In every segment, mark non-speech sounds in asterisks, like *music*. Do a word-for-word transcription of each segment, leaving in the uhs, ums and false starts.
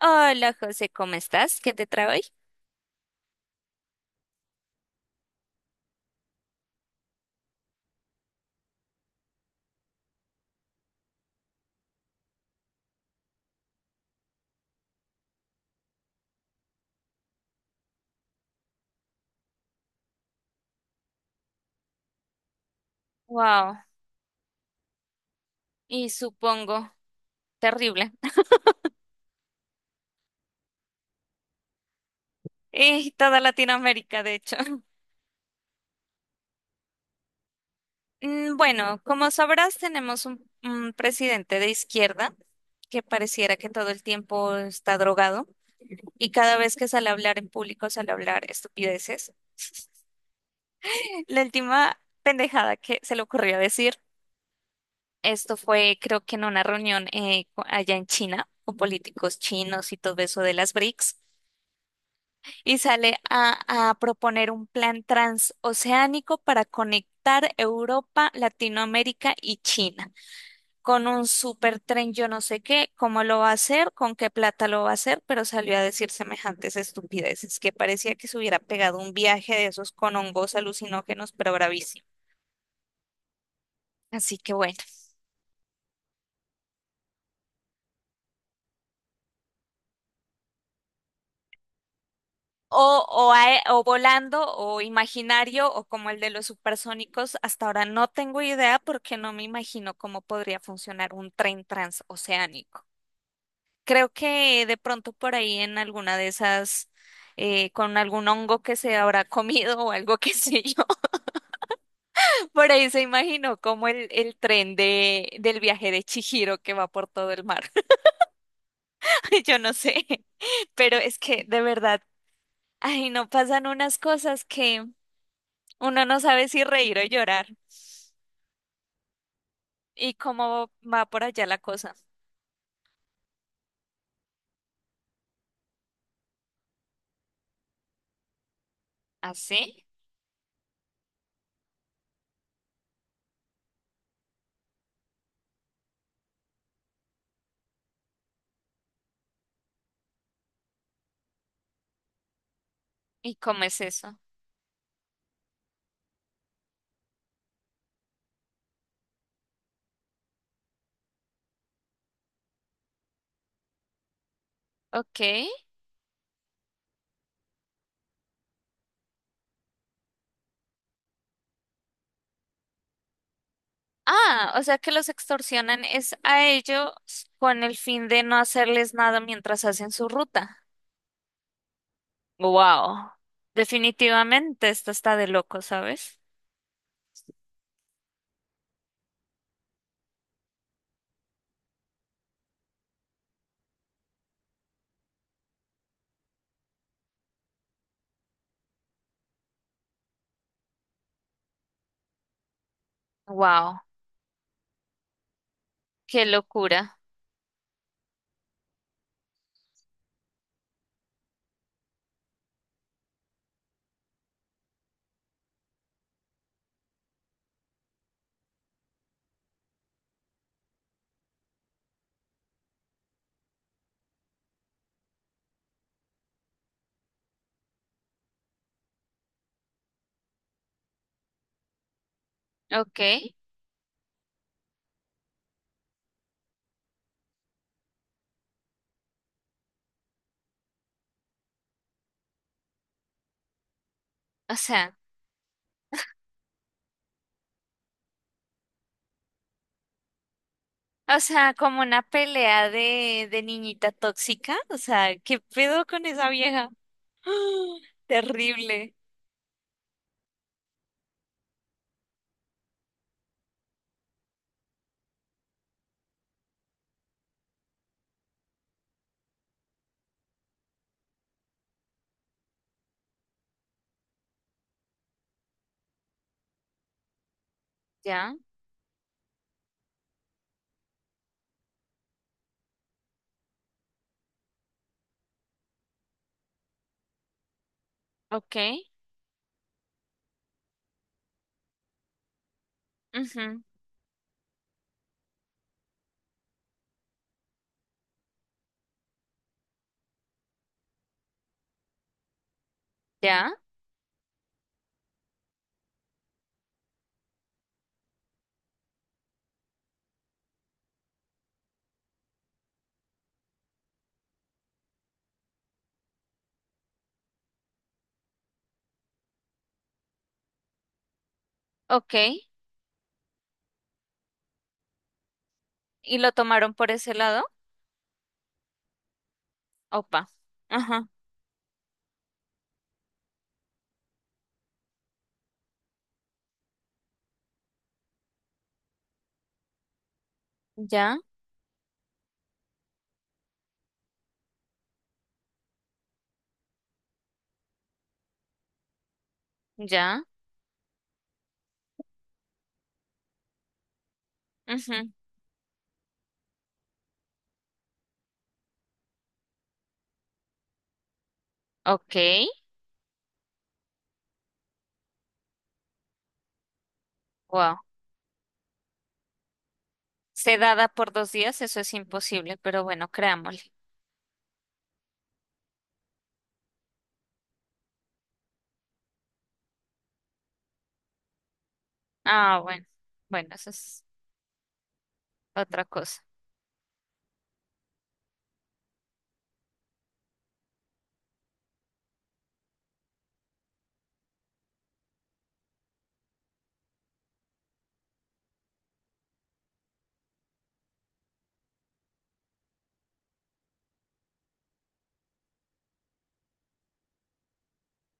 Hola José, ¿cómo estás? ¿Qué te trae hoy? Wow, y supongo terrible. *laughs* Y toda Latinoamérica, de hecho. *laughs* Mm, Bueno, como sabrás, tenemos un, un presidente de izquierda que pareciera que todo el tiempo está drogado y cada vez que sale a hablar en público sale a hablar estupideces. *laughs* La última pendejada que se le ocurrió decir, esto fue creo que en una reunión eh, co- allá en China con políticos chinos y todo eso de las B R I C S. Y sale a, a proponer un plan transoceánico para conectar Europa, Latinoamérica y China con un supertren, yo no sé qué, cómo lo va a hacer, con qué plata lo va a hacer, pero salió a decir semejantes estupideces, que parecía que se hubiera pegado un viaje de esos con hongos alucinógenos, pero bravísimo. Así que bueno. O, o, ae- o volando o imaginario o como el de los supersónicos, hasta ahora no tengo idea porque no me imagino cómo podría funcionar un tren transoceánico. Creo que de pronto por ahí en alguna de esas, eh, con algún hongo que se habrá *laughs* comido o algo que sé yo, *laughs* por ahí se imaginó como el, el tren de, del viaje de Chihiro que va por todo el mar. *laughs* Yo no sé, *laughs* pero es que de verdad, ay, no pasan unas cosas que… Uno no sabe si reír o llorar. ¿Y cómo va por allá la cosa? ¿Así? ¿Y cómo es eso? Ok. Ah, o sea que los extorsionan es a ellos con el fin de no hacerles nada mientras hacen su ruta. Wow. Definitivamente esto está de loco, ¿sabes? Wow. Qué locura. Ok. O sea, o sea, como una pelea de de niñita tóxica. O sea, ¿qué pedo con esa vieja? *gasps* Terrible. Ya, ok, ujú, ya, ok. ¿Y lo tomaron por ese lado? Opa. Ajá. Ya, ya, ujú, ok, wow. Sedada por dos días, eso es imposible, pero bueno, creámosle. Ah, bueno, bueno, eso es otra cosa.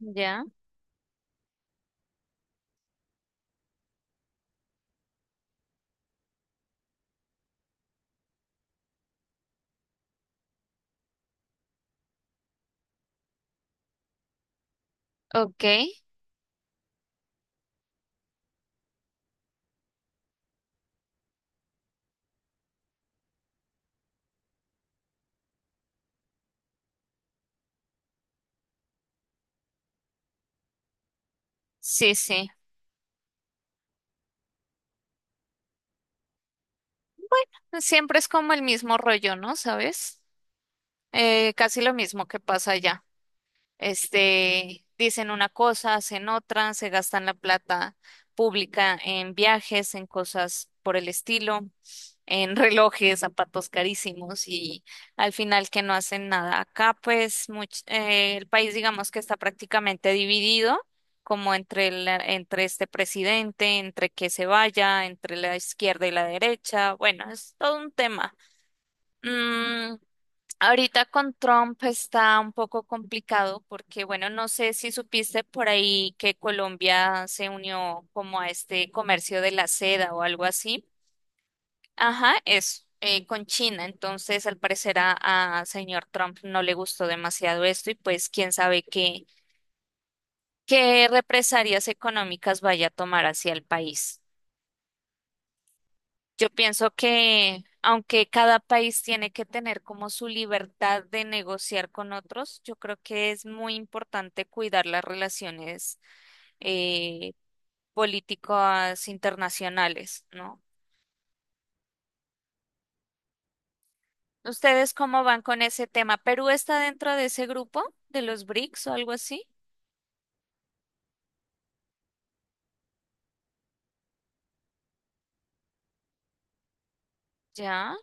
Ya, ok, sí, sí. Siempre es como el mismo rollo, ¿no? ¿Sabes? Eh, casi lo mismo que pasa allá. Este, dicen una cosa, hacen otra, se gastan la plata pública en viajes, en cosas por el estilo, en relojes, zapatos carísimos y al final que no hacen nada. Acá pues much- eh, el país digamos que está prácticamente dividido como entre la- entre este presidente, entre que se vaya, entre la izquierda y la derecha. Bueno, es todo un tema. Mm, Ahorita con Trump está un poco complicado porque, bueno, no sé si supiste por ahí que Colombia se unió como a este comercio de la seda o algo así. Ajá, eso, eh, con China. Entonces, al parecer a, a señor Trump no le gustó demasiado esto y pues quién sabe qué, qué represalias económicas vaya a tomar hacia el país. Yo pienso que aunque cada país tiene que tener como su libertad de negociar con otros, yo creo que es muy importante cuidar las relaciones eh, políticas internacionales, ¿no? ¿Ustedes cómo van con ese tema? ¿Perú está dentro de ese grupo de los B R I C S o algo así? Ya,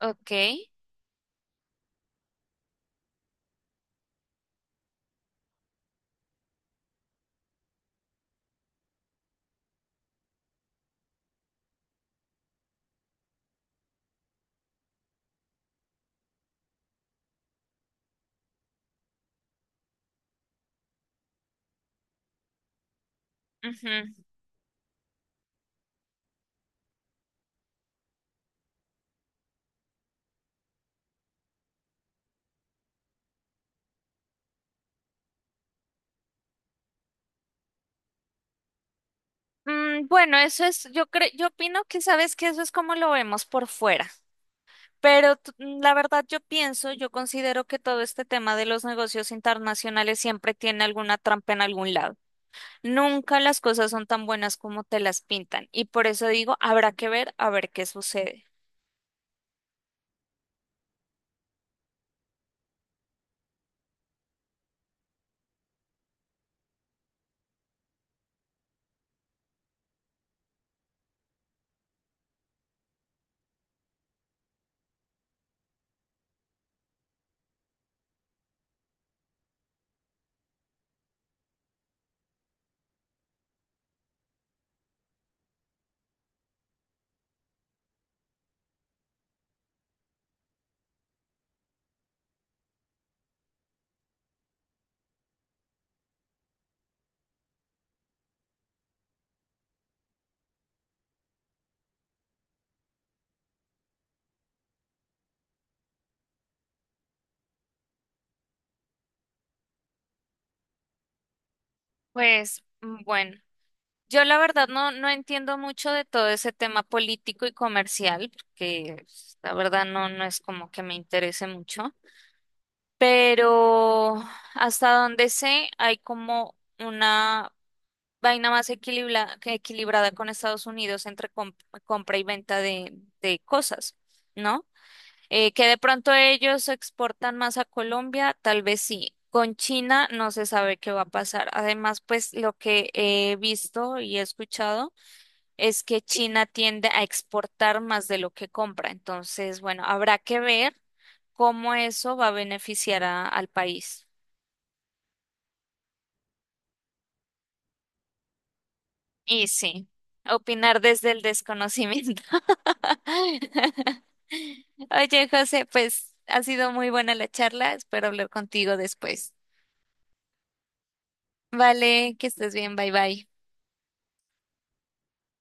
ok, ujú. Mm, bueno, eso es, yo creo, yo opino que sabes que eso es como lo vemos por fuera. Pero t- mm, la verdad yo pienso, yo considero que todo este tema de los negocios internacionales siempre tiene alguna trampa en algún lado. Nunca las cosas son tan buenas como te las pintan y por eso digo, habrá que ver a ver qué sucede. Pues mm, bueno, yo la verdad no, no entiendo mucho de todo ese tema político y comercial, porque pues, la verdad no, no es como que me interese mucho, pero hasta donde sé hay como… una vaina más equilibra- que equilibrada con Estados Unidos entre com- compra y venta de, de cosas, ¿no? Eh, que de pronto ellos exportan más a Colombia, tal vez sí. Con China no se sabe qué va a pasar. Además, pues lo que he visto y he escuchado es que China tiende a exportar más de lo que compra. Entonces, bueno, habrá que ver cómo eso va a beneficiar a- al país. Y sí, opinar desde el desconocimiento. *laughs* Oye, José, pues ha sido muy buena la charla. Espero hablar contigo después. Vale, que estés bien. Bye bye.